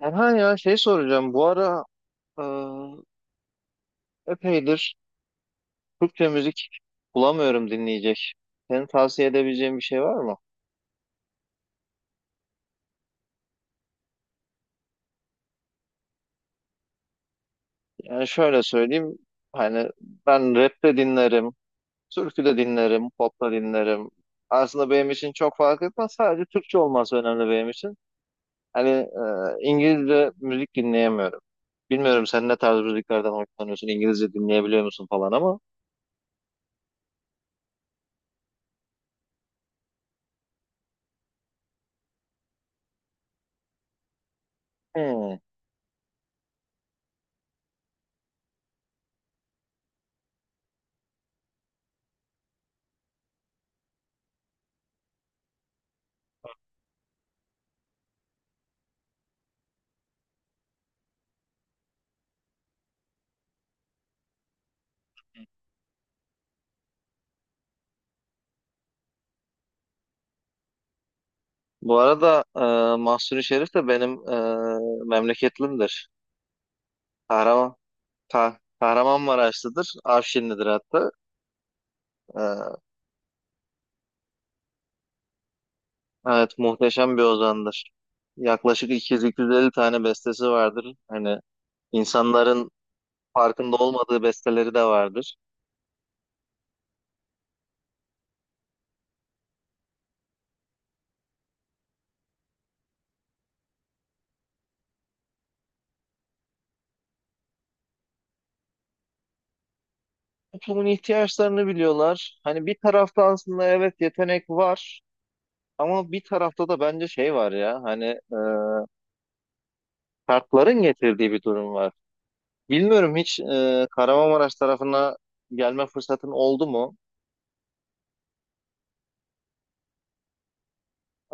Erhan, ya şey soracağım. Bu ara e, epeydir Türkçe müzik bulamıyorum dinleyecek. Senin tavsiye edebileceğin bir şey var mı? Yani şöyle söyleyeyim. Hani ben rap de dinlerim, türkü de dinlerim, pop da dinlerim. Aslında benim için çok fark etmez. Sadece Türkçe olması önemli benim için. Hani İngilizce müzik dinleyemiyorum. Bilmiyorum sen ne tarz müziklerden hoşlanıyorsun, İngilizce dinleyebiliyor musun falan ama. Hmm. Bu arada Mahsuni Şerif de benim memleketlimdir. Kahraman, Kahramanmaraşlıdır. Afşinlidir hatta. E, evet, muhteşem bir ozandır. Yaklaşık 200-250 tane bestesi vardır. Hani insanların farkında olmadığı besteleri de vardır. Toplumun ihtiyaçlarını biliyorlar. Hani bir tarafta aslında evet yetenek var. Ama bir tarafta da bence şey var ya hani e, şartların getirdiği bir durum var. Bilmiyorum hiç Kahramanmaraş tarafına gelme fırsatın oldu mu?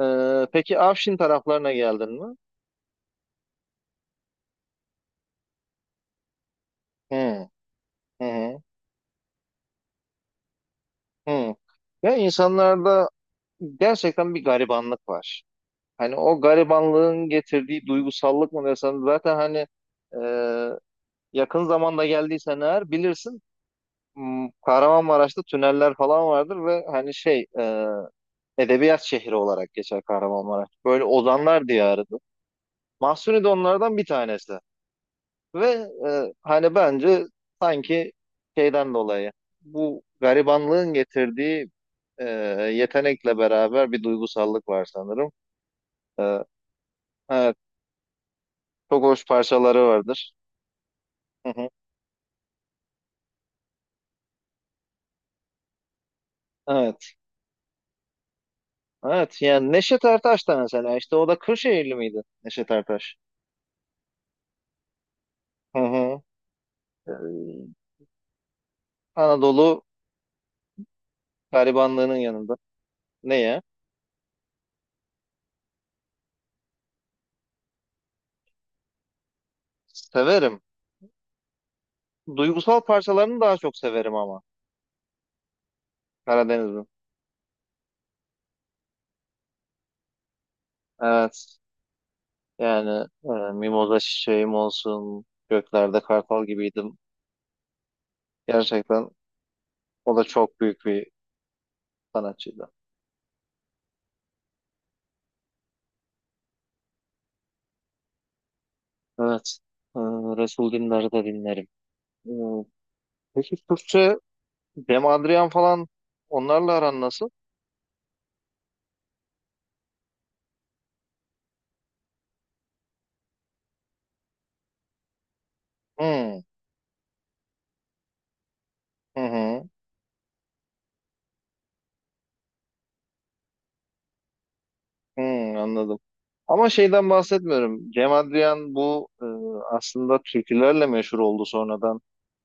Peki Afşin taraflarına geldin mi? Hı, hı, hı, hı. Ya insanlarda gerçekten bir garibanlık var. Hani o garibanlığın getirdiği duygusallık mı desem zaten hani e, yakın zamanda geldiysen eğer bilirsin, Kahramanmaraş'ta tüneller falan vardır ve hani şey, edebiyat şehri olarak geçer Kahramanmaraş. Böyle ozanlar diyarıdır. Mahsuni de onlardan bir tanesi. Ve hani bence sanki şeyden dolayı bu garibanlığın getirdiği e, yetenekle beraber bir duygusallık var sanırım. E, evet, çok hoş parçaları vardır. Hı hı. Evet, evet. Yani Neşet Ertaş da mesela işte o da Kırşehirli miydi Neşet Ertaş? Hı hı. E, Anadolu garibanlığının yanında. Neye? Severim. Duygusal parçalarını daha çok severim ama Karadeniz'in. Evet. Yani mimoza çiçeğim olsun, göklerde kartal gibiydim. Gerçekten o da çok büyük bir sanatçıydı. Evet, e, Resul Dündar'ı da dinlerim. E, peki Türkçe Cem Adrian falan onlarla aran nasıl? Hmm, hı hı, hmm, anladım. Ama şeyden bahsetmiyorum. Cem Adrian bu aslında türkülerle meşhur oldu sonradan.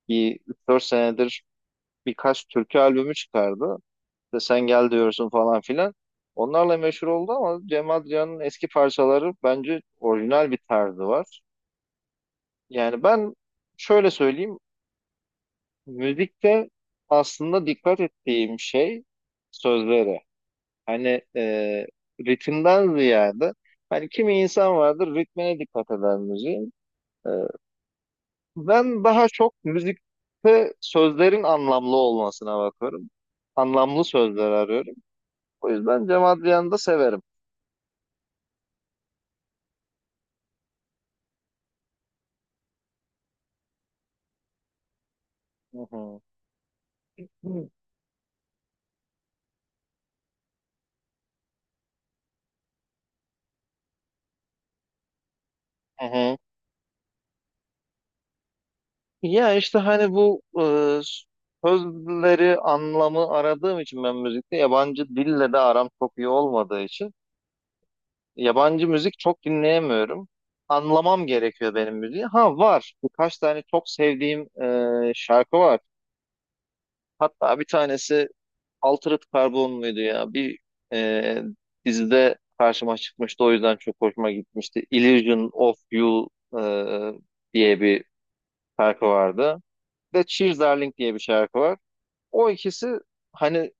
Bir 3-4 senedir birkaç türkü albümü çıkardı. De sen gel diyorsun falan filan. Onlarla meşhur oldu ama Cem Adrian'ın eski parçaları bence orijinal bir tarzı var. Yani ben şöyle söyleyeyim, müzikte aslında dikkat ettiğim şey sözlere. Hani ritimden ziyade hani kimi insan vardır ritmine dikkat eder müziğin. E, Ben daha çok müzikte sözlerin anlamlı olmasına bakıyorum. Anlamlı sözler arıyorum. O yüzden Cem Adrian'ı da severim. Hı hı. Hı hı. Ya işte hani bu sözleri anlamı aradığım için ben müzikte yabancı dille de aram çok iyi olmadığı için yabancı müzik çok dinleyemiyorum. Anlamam gerekiyor benim müziği. Ha var birkaç tane çok sevdiğim şarkı var. Hatta bir tanesi Altered Carbon muydu ya? Bir e, dizide karşıma çıkmıştı, o yüzden çok hoşuma gitmişti. Illusion of You e, diye bir şarkı vardı. Ve Cheers Darling diye bir şarkı var. O ikisi hani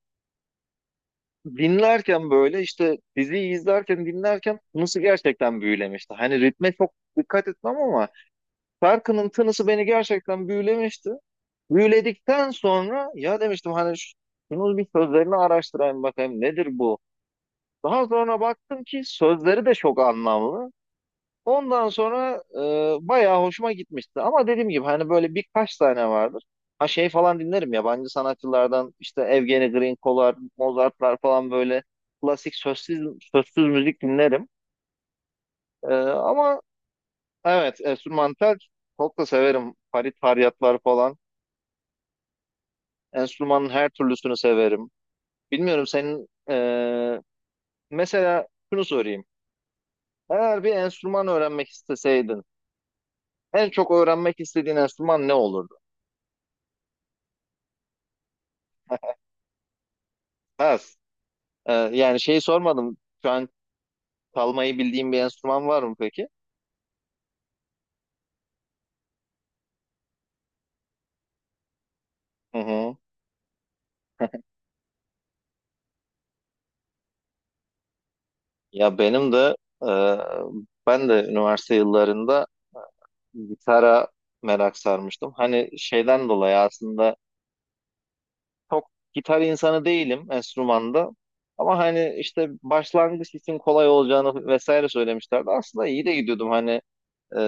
dinlerken, böyle işte diziyi izlerken dinlerken, tınısı gerçekten büyülemişti. Hani ritme çok dikkat etmem ama şarkının tınısı beni gerçekten büyülemişti. Büyüledikten sonra ya demiştim hani şunu bir sözlerini araştırayım, bakayım nedir bu? Daha sonra baktım ki sözleri de çok anlamlı. Ondan sonra bayağı hoşuma gitmişti. Ama dediğim gibi hani böyle birkaç tane vardır. Ha şey falan dinlerim yabancı sanatçılardan, işte Evgeni Grinko'lar, Mozart'lar falan, böyle klasik sözsüz müzik dinlerim. Ama evet, enstrümantal çok da severim. Farid Faryatlar falan. Enstrümanın her türlüsünü severim. Bilmiyorum senin mesela şunu sorayım. Eğer bir enstrüman öğrenmek isteseydin, en çok öğrenmek istediğin enstrüman ne olurdu? Ha, yani şeyi sormadım. Şu an çalmayı bildiğim bir enstrüman var mı peki? Hı hı. Ya benim de e, ben de üniversite yıllarında gitara merak sarmıştım. Hani şeyden dolayı aslında çok gitar insanı değilim enstrümanda. Ama hani işte başlangıç için kolay olacağını vesaire söylemişlerdi. Aslında iyi de gidiyordum. Hani e,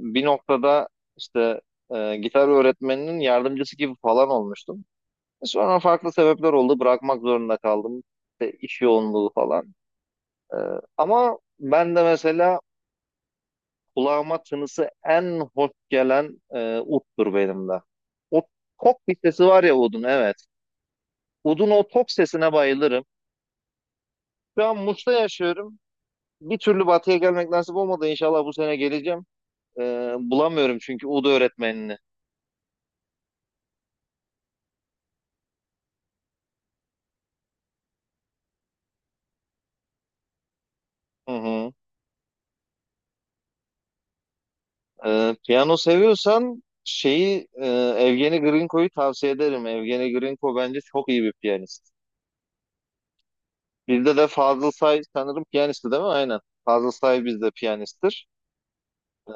bir noktada işte gitar öğretmeninin yardımcısı gibi falan olmuştum. Sonra farklı sebepler oldu. Bırakmak zorunda kaldım. İşte iş yoğunluğu falan. Ee, Ama ben de mesela kulağıma tınısı en hoş gelen, uttur benim de. O tok bir sesi var ya, Ud'un, evet. Ud'un o tok sesine bayılırım. Şu an Muş'ta yaşıyorum. Bir türlü batıya gelmek nasip olmadı. İnşallah bu sene geleceğim. Bulamıyorum çünkü Ud öğretmenini. Hı hı. Piyano seviyorsan şeyi, Evgeni Grinko'yu tavsiye ederim. Evgeni Grinko bence çok iyi bir piyanist. Bizde de Fazıl Say sanırım piyanisti değil mi? Aynen. Fazıl Say bizde piyanisttir. Ee,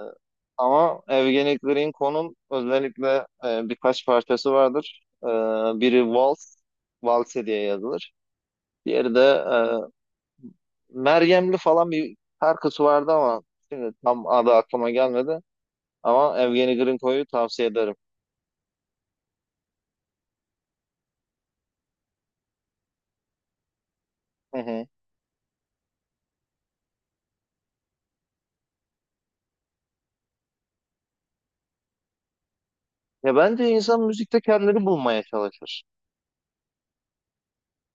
Ama Evgeni Grinko'nun özellikle birkaç parçası vardır. Biri Vals, Valse diye yazılır. Diğeri de Meryemli falan bir şarkısı vardı ama şimdi tam adı aklıma gelmedi. Ama Evgeni Grinko'yu tavsiye ederim. Hı hı. Ya bence insan müzikte kendini bulmaya çalışır.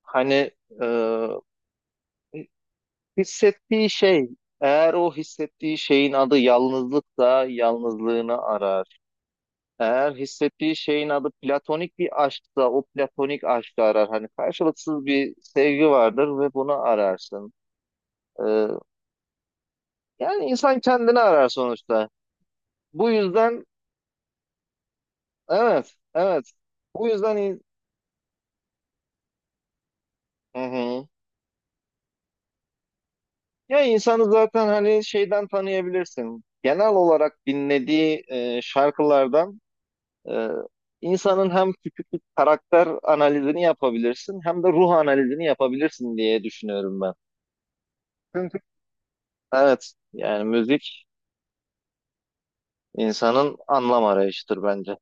Hani e, hissettiği şey, eğer o hissettiği şeyin adı yalnızlıksa yalnızlığını arar. Eğer hissettiği şeyin adı platonik bir aşksa o platonik aşkı arar. Hani karşılıksız bir sevgi vardır ve bunu ararsın. E, Yani insan kendini arar sonuçta. Bu yüzden evet, evet. Bu yüzden in- Hı hı. Ya insanı zaten hani şeyden tanıyabilirsin. Genel olarak dinlediği şarkılardan e, insanın hem küçük bir karakter analizini yapabilirsin hem de ruh analizini yapabilirsin diye düşünüyorum ben. Çünkü evet, yani müzik insanın anlam arayışıdır bence.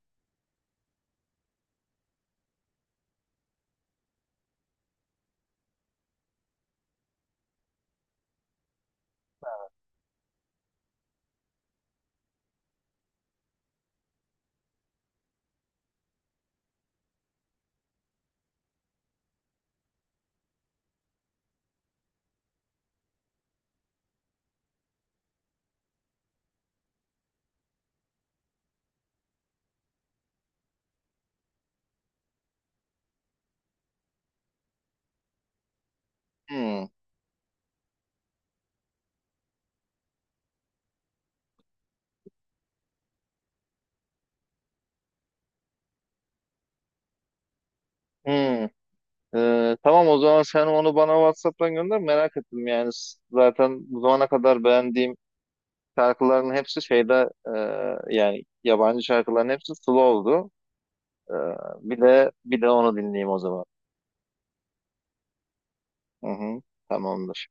Hmm, hmm. Tamam, o zaman sen onu bana WhatsApp'tan gönder, merak ettim yani. Zaten bu zamana kadar beğendiğim şarkıların hepsi şeyde, yani yabancı şarkıların hepsi slow'du. Ee, bir de onu dinleyeyim o zaman. Hı hı, tamamdır.